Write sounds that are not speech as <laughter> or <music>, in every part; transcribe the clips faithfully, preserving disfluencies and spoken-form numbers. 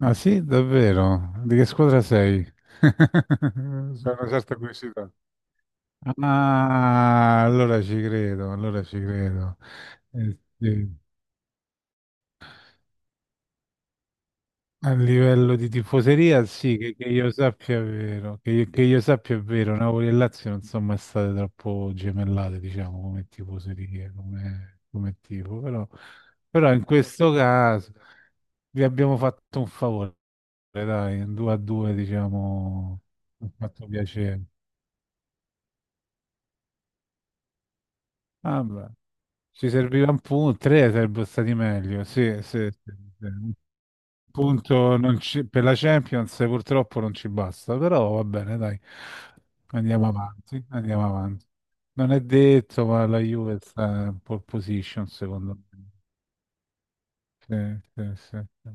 Ah sì, davvero? Di che squadra sei? <laughs> C'è una certa curiosità. Ah, allora ci credo, allora ci credo. Eh, sì. A livello di tifoseria, sì, che, che io sappia è vero, che io, che io sappia è vero, Napoli e Lazio non sono mai state troppo gemellate, diciamo, come tifoserie, come, come tifo, però, però in questo caso vi abbiamo fatto un favore, dai, un due a due, diciamo, mi ha fatto piacere. Vabbè, ci serviva un punto, tre sarebbero stati meglio, sì, sì, sì, sì. Un punto non ci- per la Champions purtroppo non ci basta, però va bene, dai, andiamo avanti, andiamo avanti. Non è detto, ma la Juve sta in pole position, secondo me. Sì, sì, sì, sì.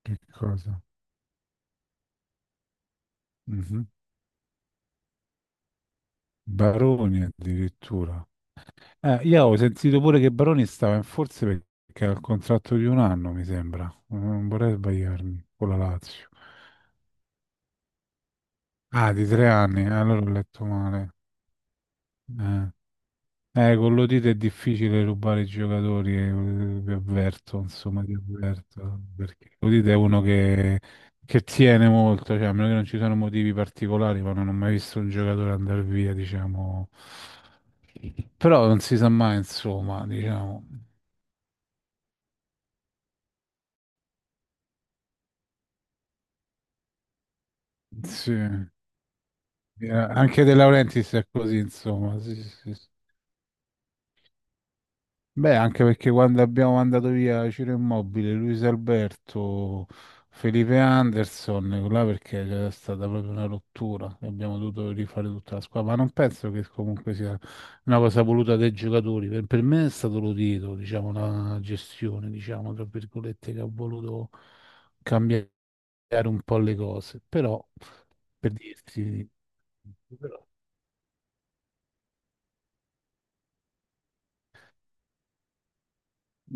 Che cosa? Mhm. Baroni addirittura. Eh, io ho sentito pure che Baroni stava in forze perché ha il contratto di un anno, mi sembra. Non vorrei sbagliarmi con la Lazio. Ah, di tre anni, eh, allora ho letto male. Eh, Eh, con l'Odite è difficile rubare i giocatori, eh, vi avverto, insomma, vi avverto, perché l'Odite è uno che, che tiene molto, cioè, a meno che non ci siano motivi particolari, ma non ho mai visto un giocatore andare via, diciamo. Però non si sa mai, insomma, diciamo. Sì. Eh, Anche De Laurentiis è così, insomma. Sì, sì, sì. Beh, anche perché quando abbiamo mandato via Ciro Immobile, Luis Alberto, Felipe Anderson, là perché c'era stata proprio una rottura e abbiamo dovuto rifare tutta la squadra. Ma non penso che comunque sia una cosa voluta dai giocatori. Per, per me è stato l'udito, diciamo, una gestione, diciamo, tra virgolette, che ha voluto cambiare un po' le cose. Però, per dirti.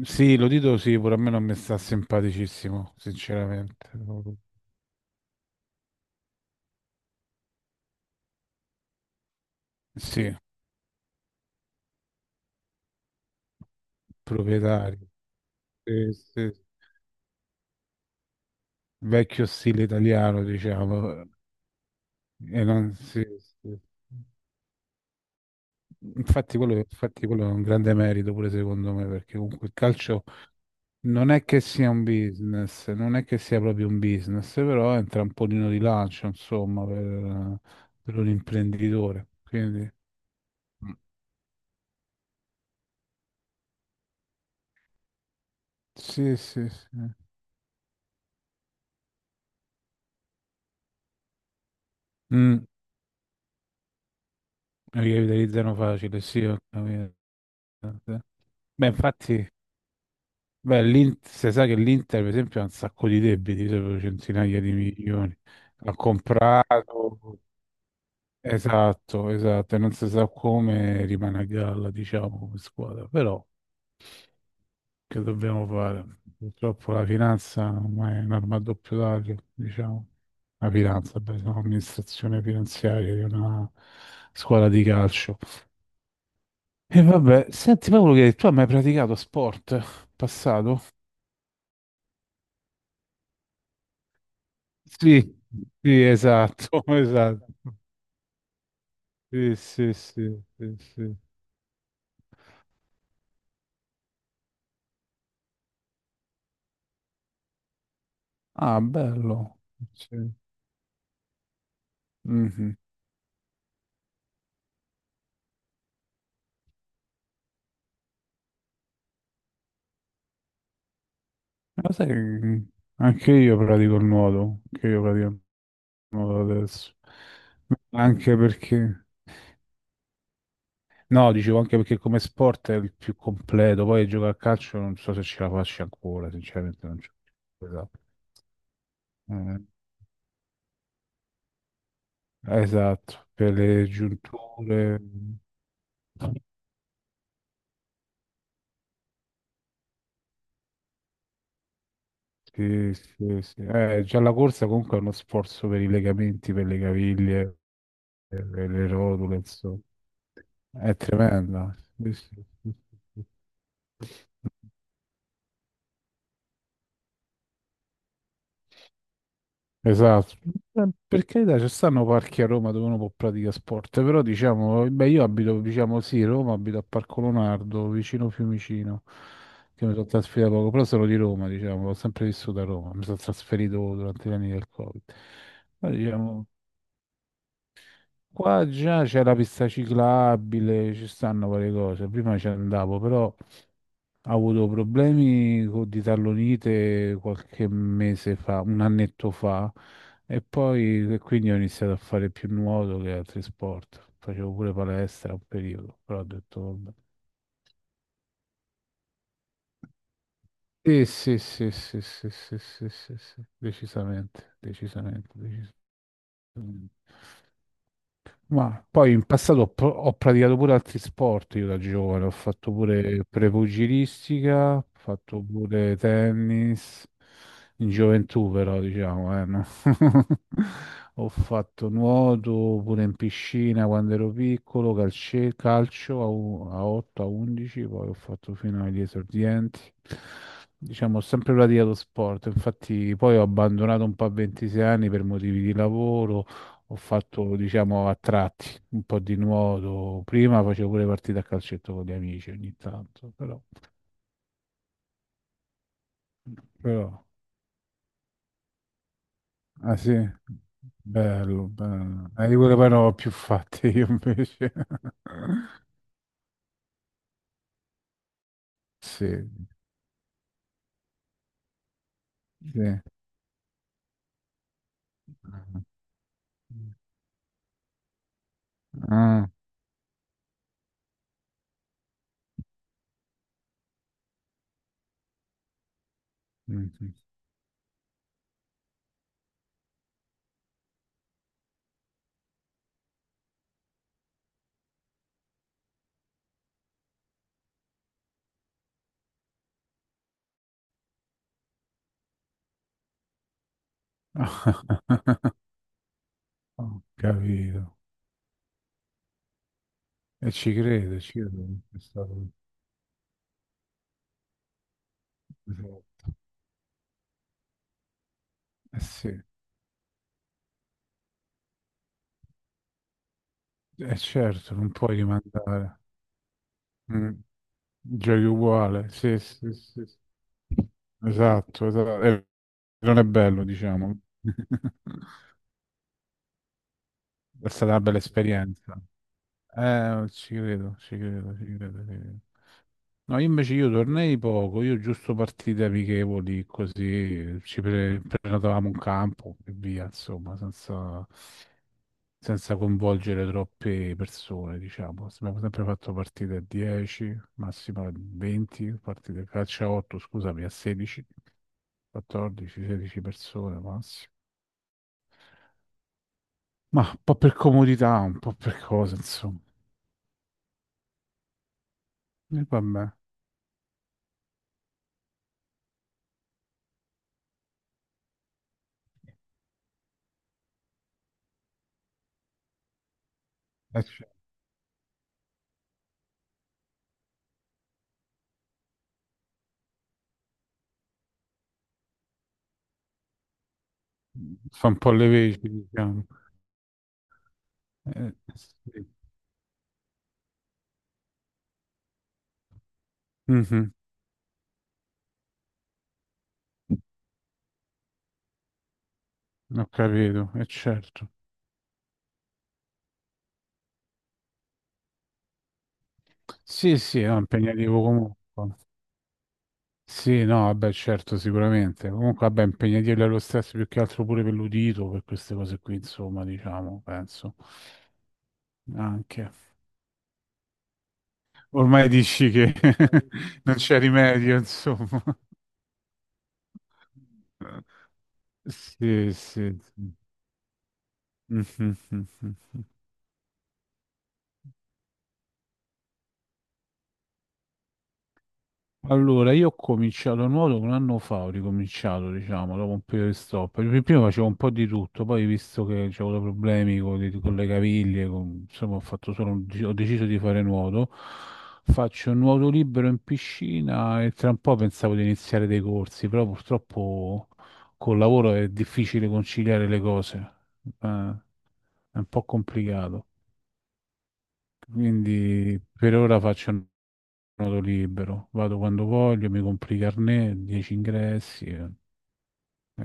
Sì, lo dito, sì, pure a me non mi sta simpaticissimo, sinceramente. Sì, proprietario. Sì, sì. Vecchio stile italiano, diciamo. E non- sì, sì. Infatti quello, infatti quello è un grande merito pure secondo me, perché comunque il calcio non è che sia un business, non è che sia proprio un business, però è un trampolino di lancio, insomma, per, per un imprenditore. Quindi, mm. sì, sì, sì. Mm. La rivitalizzano facile, sì, ho capito. Beh, infatti, beh, l'In- si sa che l'Inter, per esempio, ha un sacco di debiti, sopra centinaia di milioni. Ha comprato, esatto, esatto, e non si sa come rimane a galla, diciamo, come squadra. Però, che dobbiamo fare? Purtroppo la finanza ormai è un'arma a doppio taglio, diciamo. La finanza, beh, sono l'amministrazione finanziaria di una squadra di calcio. E vabbè, senti Paolo, che tu hai mai praticato sport in passato? Sì, sì, esatto, <laughs> esatto. Sì, sì, sì, sì, sì. Ah, bello. Sì. Mhm. Lo sai, che anche io pratico il nuoto, anche io pratico il nuoto adesso. Anche perché, no, dicevo anche perché come sport è il più completo, poi giocare a calcio non so se ce la faccio ancora, sinceramente non c'è. Esatto, per le giunture, sì, sì, sì. Eh, già la corsa comunque è uno sforzo per i legamenti, per le caviglie, per le le rotule, insomma, è tremenda. Sì, sì, sì, sì. Sì. Esatto. Eh, per carità, ci stanno parchi a Roma dove uno può praticare sport, però diciamo, beh, io abito, diciamo sì, Roma, abito a Parco Leonardo, vicino Fiumicino, che mi sono trasferito da poco, però sono di Roma, diciamo, ho sempre vissuto a Roma, mi sono trasferito durante gli anni del Covid. Ma diciamo, qua già c'è la pista ciclabile, ci stanno varie cose. Prima ci andavo, però ho avuto problemi co- di tallonite qualche mese fa, un annetto fa, e poi e quindi ho iniziato a fare più nuoto che altri sport. Facevo pure palestra un periodo, però ho detto vabbè. Sì, sì, sì, sì, sì, sì, sì, sì, sì, decisamente, decisamente, decisamente. Ma poi in passato ho, pro- ho praticato pure altri sport io da giovane, ho fatto pure prepugilistica, ho fatto pure tennis, in gioventù però, diciamo, eh, no? <laughs> Ho fatto nuoto pure in piscina quando ero piccolo, calce- calcio a, u- a otto, a undici, poi ho fatto fino agli esordienti. Diciamo, ho sempre praticato sport, infatti poi ho abbandonato un po' a ventisei anni per motivi di lavoro, ho fatto, diciamo, a tratti un po' di nuoto. Prima facevo pure partite a calcetto con gli amici ogni tanto, però, però... Ah sì, bello, bello. Eh, di quelle poi non ho più fatte io invece. <laughs> Sì, sì. Ah, mm, sì. <laughs> Ho capito. E ci credo, ci credo. È stato... Eh sì, è certo, non puoi rimandare. Mm, Giochi uguale, sì, sì, sì. Sì. Esatto, esatto. Eh, non è bello, diciamo. <laughs> È stata una bella esperienza. Eh, ci credo, ci credo, ci credo, ci credo. No, io invece io tornei poco, io giusto partite amichevoli, così ci pre- prenotavamo un campo e via, insomma, senza, senza coinvolgere troppe persone, diciamo. Abbiamo sempre fatto partite a dieci, massimo a venti, partite a calcio a otto, scusami, a sedici, quattordici, sedici persone massimo. Ma un po' per comodità, un po' per cosa, insomma. E vabbè, eh, cioè, fa un po' le veci, diciamo. Eh, sì. Mhm, ho capito, è certo. Sì, sì, no, impegnativo comunque. Sì, no, vabbè, certo, sicuramente. Comunque, vabbè, impegnativo dello stesso, più che altro pure per l'udito, per queste cose qui, insomma, diciamo, penso. Anche. Ormai dici che <laughs> non c'è rimedio, insomma. <laughs> Sì, sì. Sì. <laughs> Mhm, mhm, mhm. Allora, io ho cominciato a nuoto un anno fa, ho ricominciato, diciamo, dopo un periodo di stop. Pr- Prima facevo un po' di tutto, poi visto che avevo avuto problemi con, con le caviglie, con- insomma, ho fatto solo un gi- ho deciso di fare nuoto. Faccio un nuoto libero in piscina e tra un po' pensavo di iniziare dei corsi, però purtroppo col lavoro è difficile conciliare le cose, eh, è un po' complicato. Quindi per ora faccio un nodo libero, vado quando voglio, mi compri i carnet, dieci ingressi eh,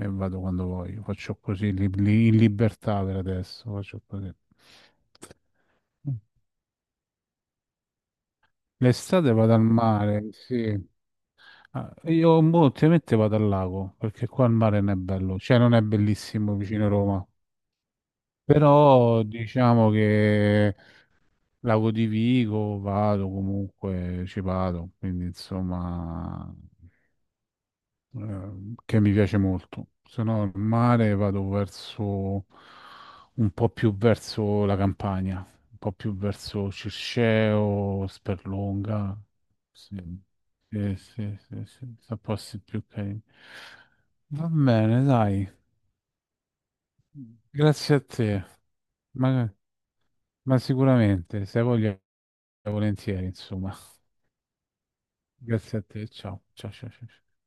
e, vado quando voglio. Faccio così li- li- in libertà per adesso, faccio così. L'estate vado al mare, sì. Ah, io mo, ultimamente vado al lago, perché qua il mare non è bello, cioè non è bellissimo vicino a Roma. Però diciamo che Lago di Vigo vado comunque, ci vado, quindi insomma, eh, che mi piace molto. Se no, al mare vado verso un po' più verso la Campania, un po' più verso Circeo, Sperlonga. Sì, sì, sì, sì, sì, sono posti più carini. Va bene, dai, grazie a te, ma, ma sicuramente, se hai voglia, volentieri, insomma. Grazie a te, ciao, ciao, ciao, ciao. Ciao.